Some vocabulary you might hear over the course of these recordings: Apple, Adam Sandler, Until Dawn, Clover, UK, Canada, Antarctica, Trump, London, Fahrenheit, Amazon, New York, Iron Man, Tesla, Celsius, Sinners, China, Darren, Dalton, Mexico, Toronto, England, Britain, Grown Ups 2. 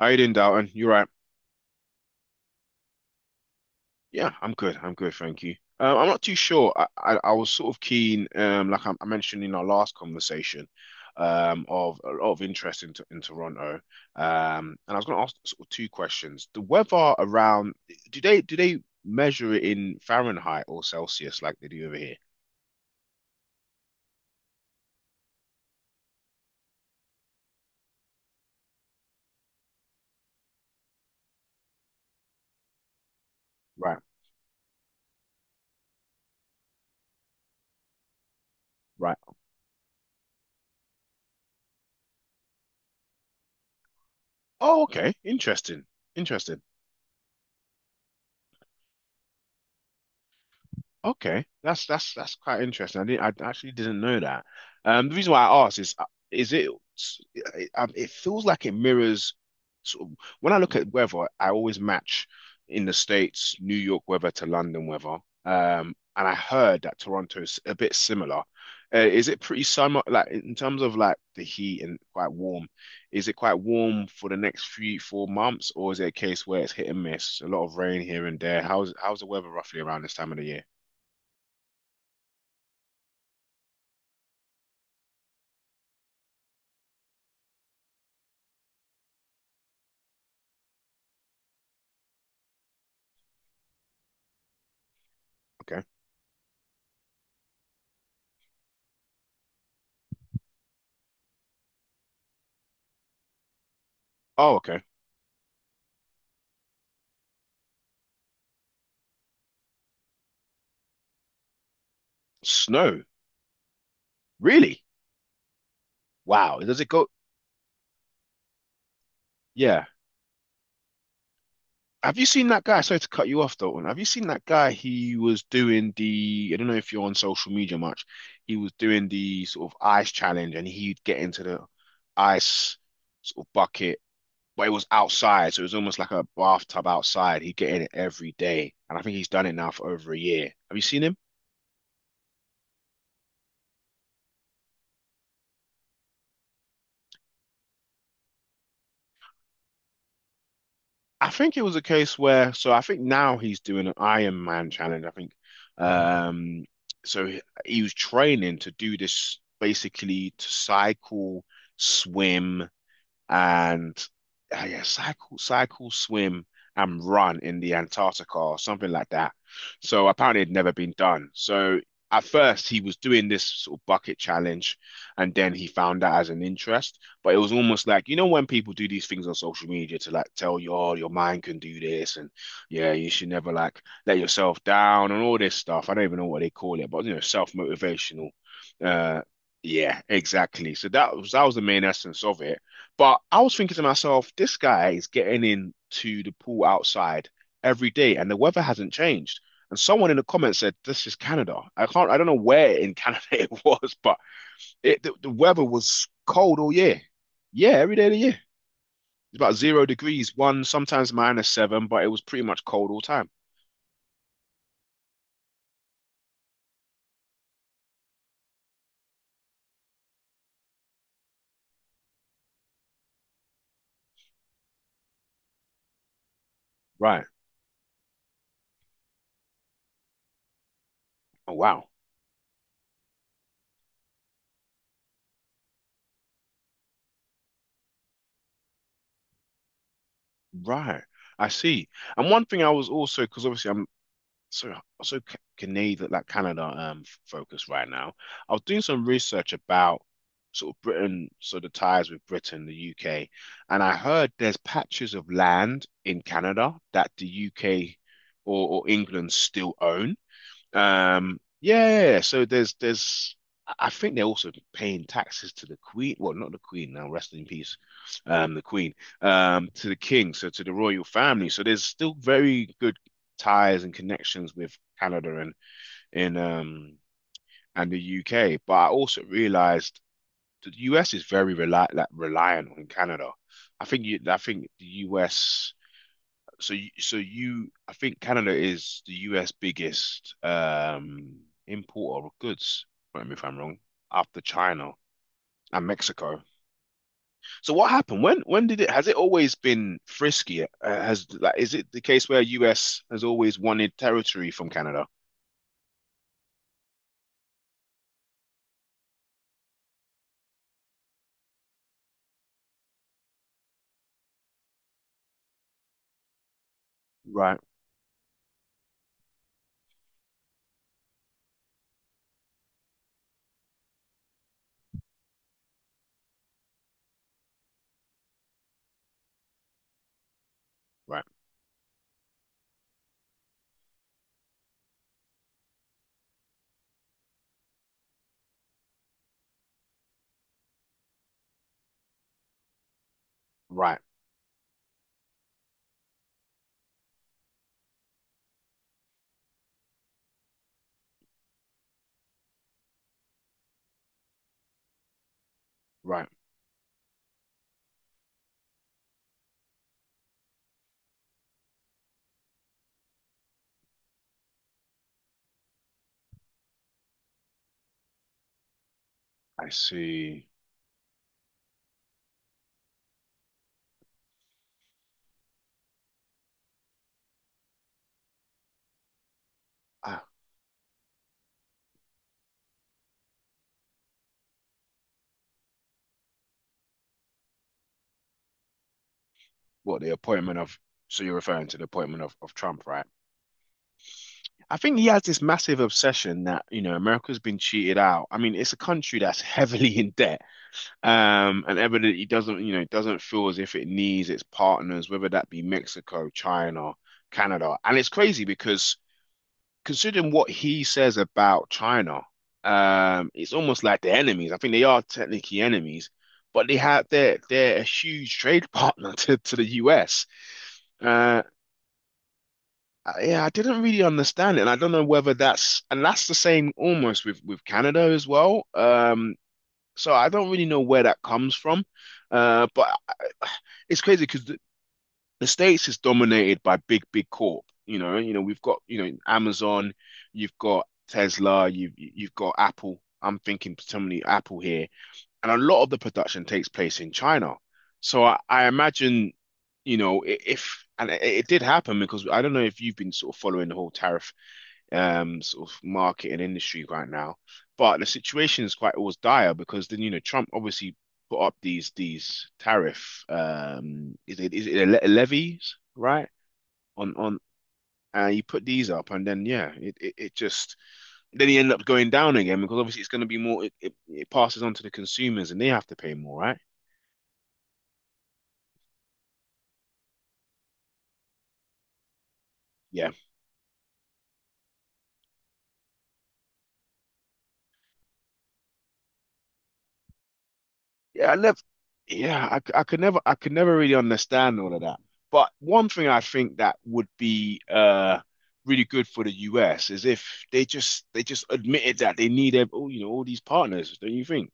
How you doing, Dalton? You're right. Yeah, I'm good. I'm good, thank you. I'm not too sure. I was sort of keen, like I mentioned in our last conversation, of a lot of interest in Toronto. And I was going to ask sort of two questions. The weather around, do they measure it in Fahrenheit or Celsius like they do over here? Right, right. Oh, okay. Interesting. Interesting. Okay, that's quite interesting. I actually didn't know that. The reason why I asked is, is it, it feels like it mirrors. Sort of, when I look at weather, I always match in the States New York weather to London weather. And I heard that Toronto's a bit similar. Is it pretty summer, like in terms of like the heat and quite warm? Is it quite warm for the next 3, 4 months, or is it a case where it's hit and miss, a lot of rain here and there? How's the weather roughly around this time of the year? Okay. Oh, okay. Snow. Really? Wow. Does it go? Yeah. Have you seen that guy? Sorry to cut you off, Dalton. Have you seen that guy? He was doing the, I don't know if you're on social media much. He was doing the sort of ice challenge and he'd get into the ice sort of bucket, but it was outside. So it was almost like a bathtub outside. He'd get in it every day. And I think he's done it now for over a year. Have you seen him? I think it was a case where, so I think now he's doing an Iron Man challenge. I think, um, so he was training to do this basically to cycle, swim, and yeah, swim, and run in the Antarctica or something like that. So apparently, it'd never been done. So at first, he was doing this sort of bucket challenge, and then he found that as an interest. But it was almost like you know when people do these things on social media to like tell you, oh, your mind can do this, and yeah, you should never like let yourself down and all this stuff. I don't even know what they call it, but you know, self-motivational. Uh, yeah, exactly. So that was the main essence of it. But I was thinking to myself, this guy is getting in to the pool outside every day, and the weather hasn't changed. And someone in the comments said, "This is Canada." I don't know where in Canada it was, but the weather was cold all year. Yeah, every day of the year. It's about zero degrees, one sometimes -7, but it was pretty much cold all time. Right. Oh wow. Right. I see. And one thing I was also, because obviously I'm so so Canada, like Canada, focus right now. I was doing some research about sort of Britain, so the ties with Britain, the UK, and I heard there's patches of land in Canada that the UK or England still own. Yeah, yeah, yeah. so there's I think they're also paying taxes to the Queen. Well, not the Queen now, rest in peace. Um, the Queen, to the King, so to the royal family. So there's still very good ties and connections with Canada in um and the UK. But I also realized the US is very reli like reliant on Canada. I think the US so you, so you I think Canada is the US biggest importer of goods, correct me if I'm wrong, after China and Mexico. So what happened? When did it has it always been frisky? Has like is it the case where US has always wanted territory from Canada? Right, right, right, right. I see. Ah, what the appointment of So you're referring to the appointment of Trump, right? I think he has this massive obsession that, you know, America's been cheated out. I mean, it's a country that's heavily in debt. And evidently doesn't, you know, doesn't feel as if it needs its partners, whether that be Mexico, China, Canada. And it's crazy because considering what he says about China, it's almost like they're enemies. I think they are technically enemies, but they're a huge trade partner to the US. Um yeah, I didn't really understand it, and I don't know whether that's and that's the same almost with Canada as well. So I don't really know where that comes from, but it's crazy because the States is dominated by big corp. You know we've got you know Amazon, you've got Tesla, you've got Apple. I'm thinking particularly Apple here, and a lot of the production takes place in China. So I imagine, you know, I- if and it did happen because I don't know if you've been sort of following the whole tariff sort of market and industry right now. But the situation is quite always dire because then you know Trump obviously put up these tariff is it levies right on and he put these up and then yeah it just then he ended up going down again because obviously it's going to be more it passes on to the consumers and they have to pay more right yeah. Yeah, I never. I could never. I could never really understand all of that. But one thing I think that would be really good for the US is if they just admitted that they need all you know all these partners. Don't you think?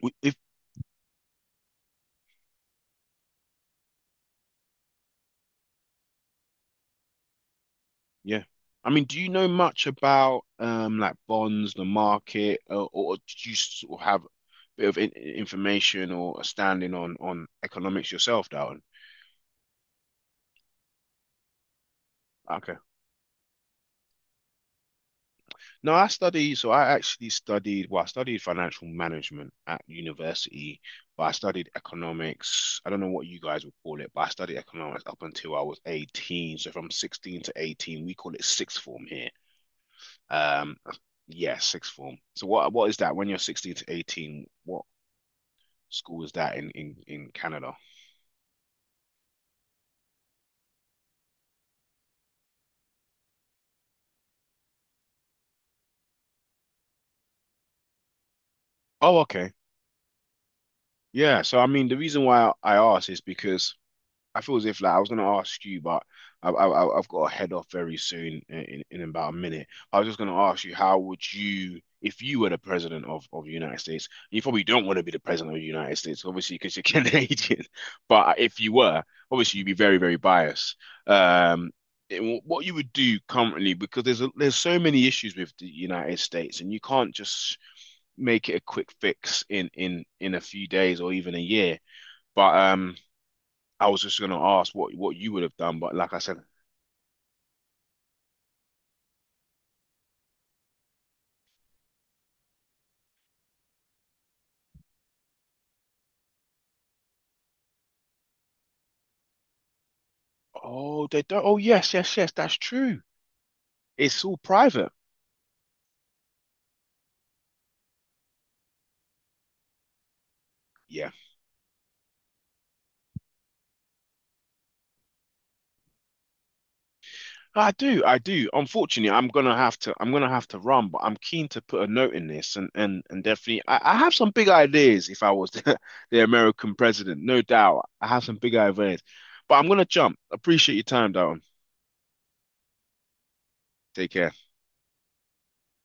We- If Yeah, I mean, do you know much about like bonds, the market, or do you sort of have a bit of in information or a standing on economics yourself, Darwin? Okay. No, I study, so I actually studied, well, I studied financial management at university, but I studied economics. I don't know what you guys would call it, but I studied economics up until I was 18. So from 16 to 18, we call it sixth form here. Um, yeah, sixth form. So what is that when you're 16 to 18? What school is that in Canada? Oh, okay. Yeah, so I mean the reason why I asked is because I feel as if like I was gonna ask you, but I've got to head off very soon in about a minute. I was just gonna ask you, how would you, if you were the president of the United States, you probably don't want to be the president of the United States, obviously, because you're Canadian. But if you were, obviously, you'd be very biased. Um, what you would do currently, because there's so many issues with the United States, and you can't just make it a quick fix in a few days or even a year. But. I was just going to ask what you would have done, but like I said, oh, they don't. Oh, yes, yes, yes, that's true. It's all private. Yeah, I do. Unfortunately, I'm gonna have to run, but I'm keen to put a note in this, and definitely, I have some big ideas. If I was the American president, no doubt, I have some big ideas. But I'm gonna jump. Appreciate your time, Darren. Take care.